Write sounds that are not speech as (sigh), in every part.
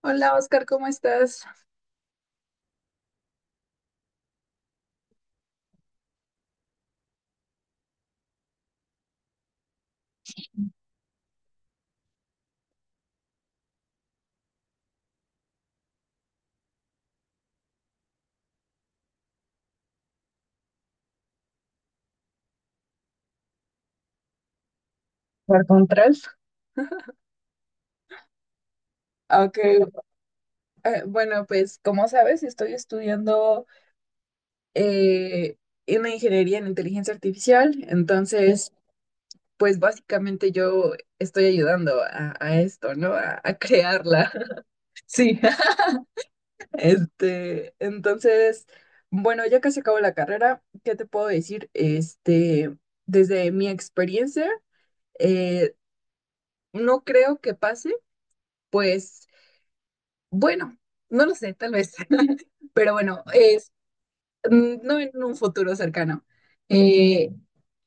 Hola Oscar, ¿cómo estás? Por control. Ok, bueno, pues como sabes, estoy estudiando eh, una ingeniería en inteligencia artificial, entonces, pues básicamente yo estoy ayudando a esto, ¿no? A crearla. (laughs) Sí. (laughs) Este, entonces, bueno, ya casi acabo la carrera, ¿qué te puedo decir? Este, desde mi experiencia, eh, no creo que pase, pues. Bueno, no lo sé, tal vez. (laughs) Pero bueno, es mm, no en un futuro cercano. Eh,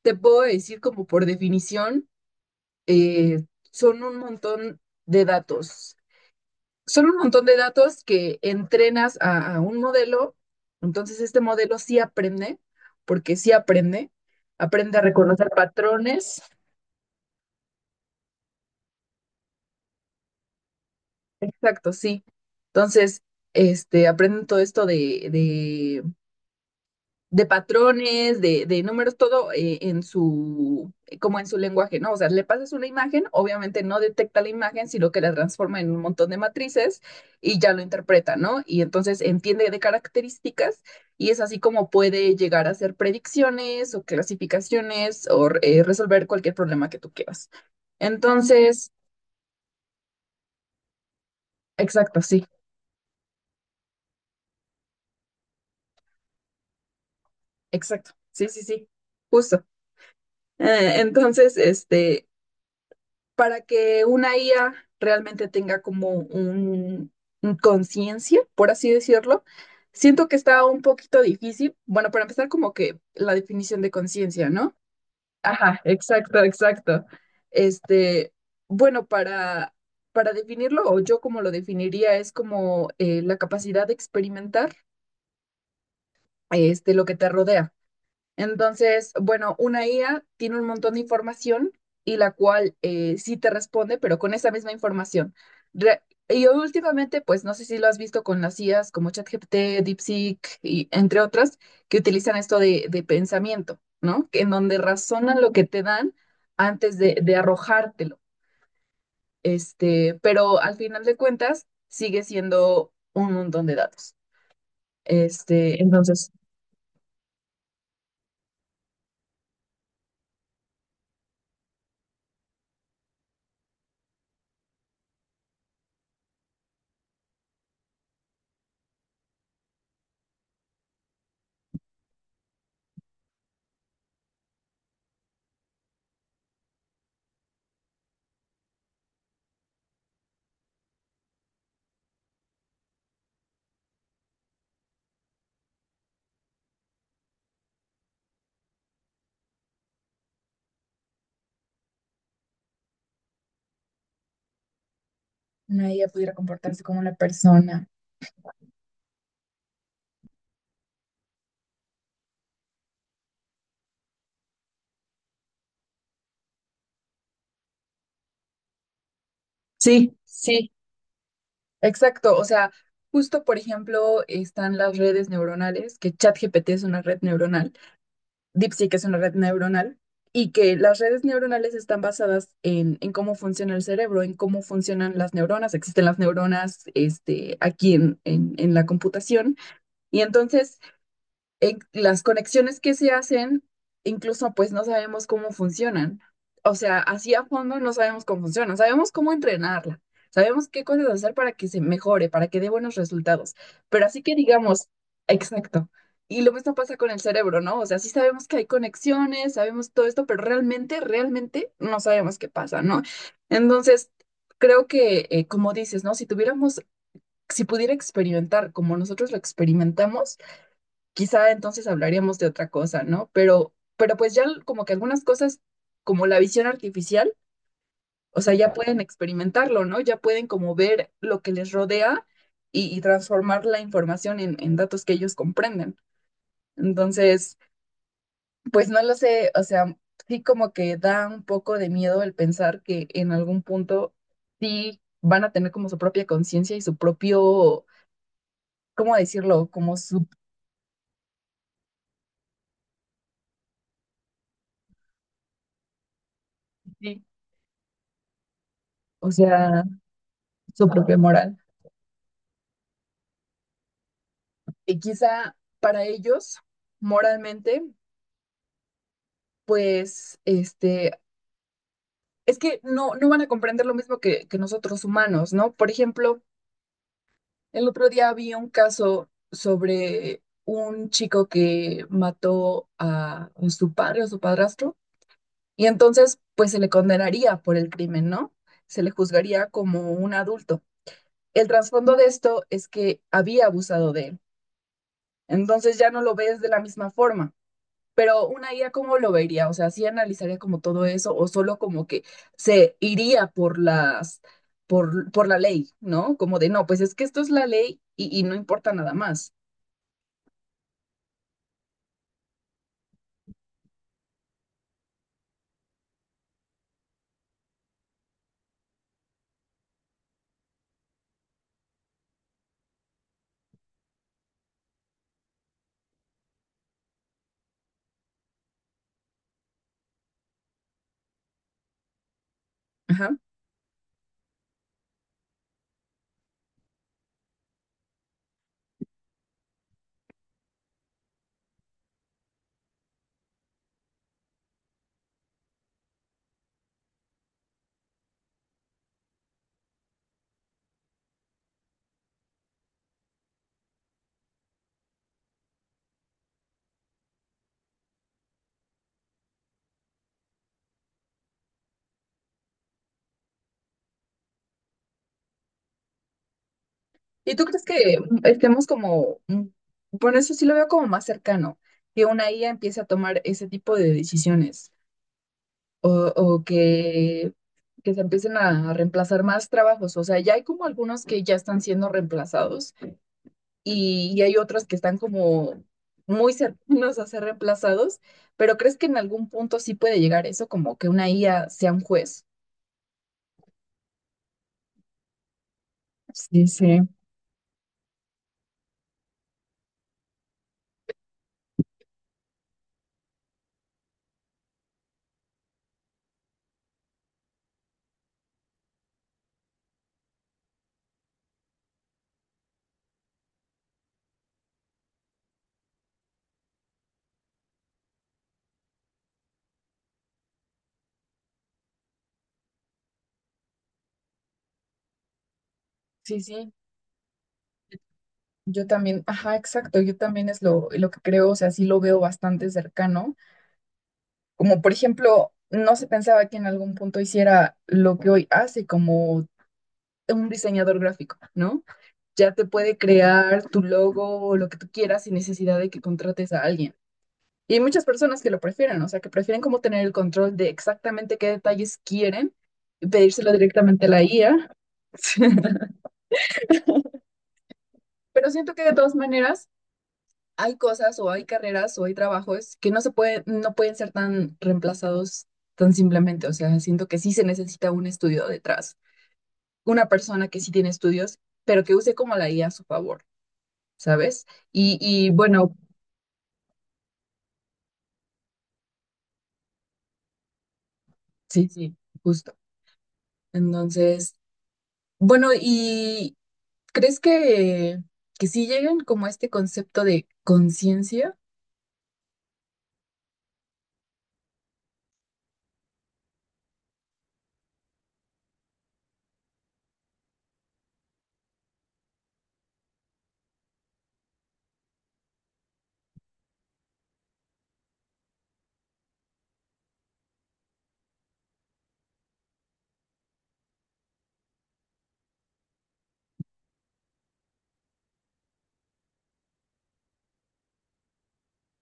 te puedo decir como por definición, eh, son un montón de datos. Son un montón de datos que entrenas a un modelo. Entonces este modelo sí aprende, porque sí aprende. Aprende a reconocer patrones. Exacto, sí. Entonces, este, aprenden todo esto de patrones, de números, todo en su, como en su lenguaje, ¿no? O sea, le pasas una imagen, obviamente no detecta la imagen, sino que la transforma en un montón de matrices y ya lo interpreta, ¿no? Y entonces entiende de características y es así como puede llegar a hacer predicciones o clasificaciones o resolver cualquier problema que tú quieras. Entonces, exacto, sí, exacto, sí, sí, sí, justo. Entonces, para que una IA realmente tenga como un conciencia, por así decirlo, siento que está un poquito difícil. Bueno, para empezar, como que la definición de conciencia, ¿no? Ajá, exacto, exacto. Este, bueno, para definirlo, o yo como lo definiría, es como la capacidad de experimentar este, lo que te rodea. Entonces, bueno, una IA tiene un montón de información y la cual sí te responde, pero con esa misma información. Re- y últimamente, pues no sé si lo has visto con las IAs como ChatGPT, DeepSeek y entre otras, que utilizan esto de pensamiento, ¿no? En donde razonan lo que te dan antes de arrojártelo. Este, pero al final de cuentas, sigue siendo un montón de datos. Este, entonces, una IA pudiera comportarse como una persona. Sí, sí. Exacto, o sea, justo por ejemplo están las redes neuronales, que ChatGPT es una red neuronal, DeepSeek es una red neuronal, y que las redes neuronales están basadas en cómo funciona el cerebro, en cómo funcionan las neuronas, existen las neuronas este, aquí en la computación, y entonces las conexiones que se hacen, incluso pues no sabemos cómo funcionan. O sea, así a fondo no sabemos cómo funcionan, sabemos cómo entrenarla, sabemos qué cosas hacer para que se mejore, para que dé buenos resultados. Pero así que digamos, exacto. Y lo mismo pasa con el cerebro, ¿no? O sea, sí sabemos que hay conexiones, sabemos todo esto, pero realmente no sabemos qué pasa, ¿no? Entonces, creo que, como dices, ¿no? Si tuviéramos, si pudiera experimentar como nosotros lo experimentamos, quizá entonces hablaríamos de otra cosa, ¿no? Pero pues ya como que algunas cosas, como la visión artificial, o sea, ya pueden experimentarlo, ¿no? Ya pueden como ver lo que les rodea y transformar la información en datos que ellos comprenden. Entonces, pues no lo sé, o sea, sí como que da un poco de miedo el pensar que en algún punto sí van a tener como su propia conciencia y su propio, ¿cómo decirlo? Como su, Sí. O sea, su propia moral. Y quizá para ellos, moralmente, pues, este, es que no, no van a comprender lo mismo que nosotros humanos, ¿no? Por ejemplo, el otro día vi un caso sobre un chico que mató a su padre o su padrastro, y entonces, pues, se le condenaría por el crimen, ¿no? Se le juzgaría como un adulto. El trasfondo de esto es que había abusado de él. Entonces ya no lo ves de la misma forma. Pero una IA, ¿cómo lo vería? O sea, ¿sí analizaría como todo eso o solo como que se iría por las, por la ley, ¿no? Como de, no, pues es que esto es la ley y no importa nada más. Ajá. ¿Y tú crees que mm, estemos como, mm, bueno, eso sí lo veo como más cercano, que una IA empiece a tomar ese tipo de decisiones o que se empiecen a reemplazar más trabajos? O sea, ya hay como algunos que ya están siendo reemplazados y hay otros que están como muy cercanos a ser reemplazados, pero ¿crees que en algún punto sí puede llegar eso, como que una IA sea un juez? Sí, sí, sí, sí. Yo también, ajá, exacto, yo también es lo que creo, o sea, sí lo veo bastante cercano. Como por ejemplo, no se pensaba que en algún punto hiciera lo que hoy hace como un diseñador gráfico, ¿no? Ya te puede crear tu logo o lo que tú quieras sin necesidad de que contrates a alguien. Y hay muchas personas que lo prefieren, o sea, que prefieren como tener el control de exactamente qué detalles quieren y pedírselo directamente a la IA. (laughs) Pero siento que de todas maneras hay cosas o hay carreras o hay trabajos que no se pueden, no pueden ser tan reemplazados tan simplemente. O sea, siento que sí se necesita un estudio detrás, una persona que sí tiene estudios, pero que use como la IA a su favor, ¿sabes? Y bueno, sí, sí, justo. Entonces, bueno, y ¿crees que sí llegan como a este concepto de conciencia?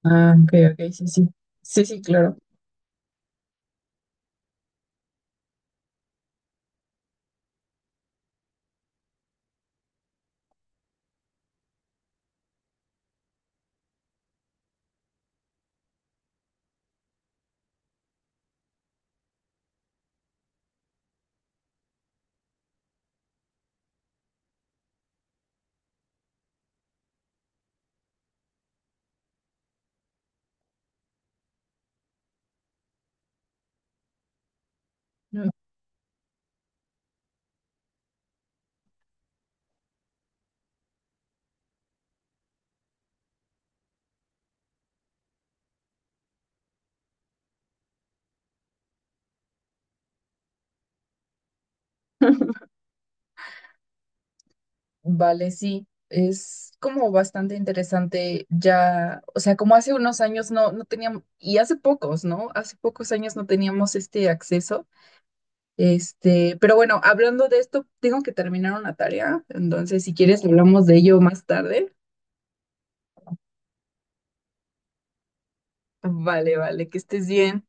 Ah, ok, ok, sí, sí. Sí, sí, claro. Mm, vale, sí. Es como bastante interesante ya, o sea, como hace unos años no, no teníamos, y hace pocos, ¿no? Hace pocos años no teníamos este acceso. Este, pero bueno, hablando de esto, tengo que terminar una tarea, entonces si quieres hablamos de ello más tarde. Vale, vale, que estés bien.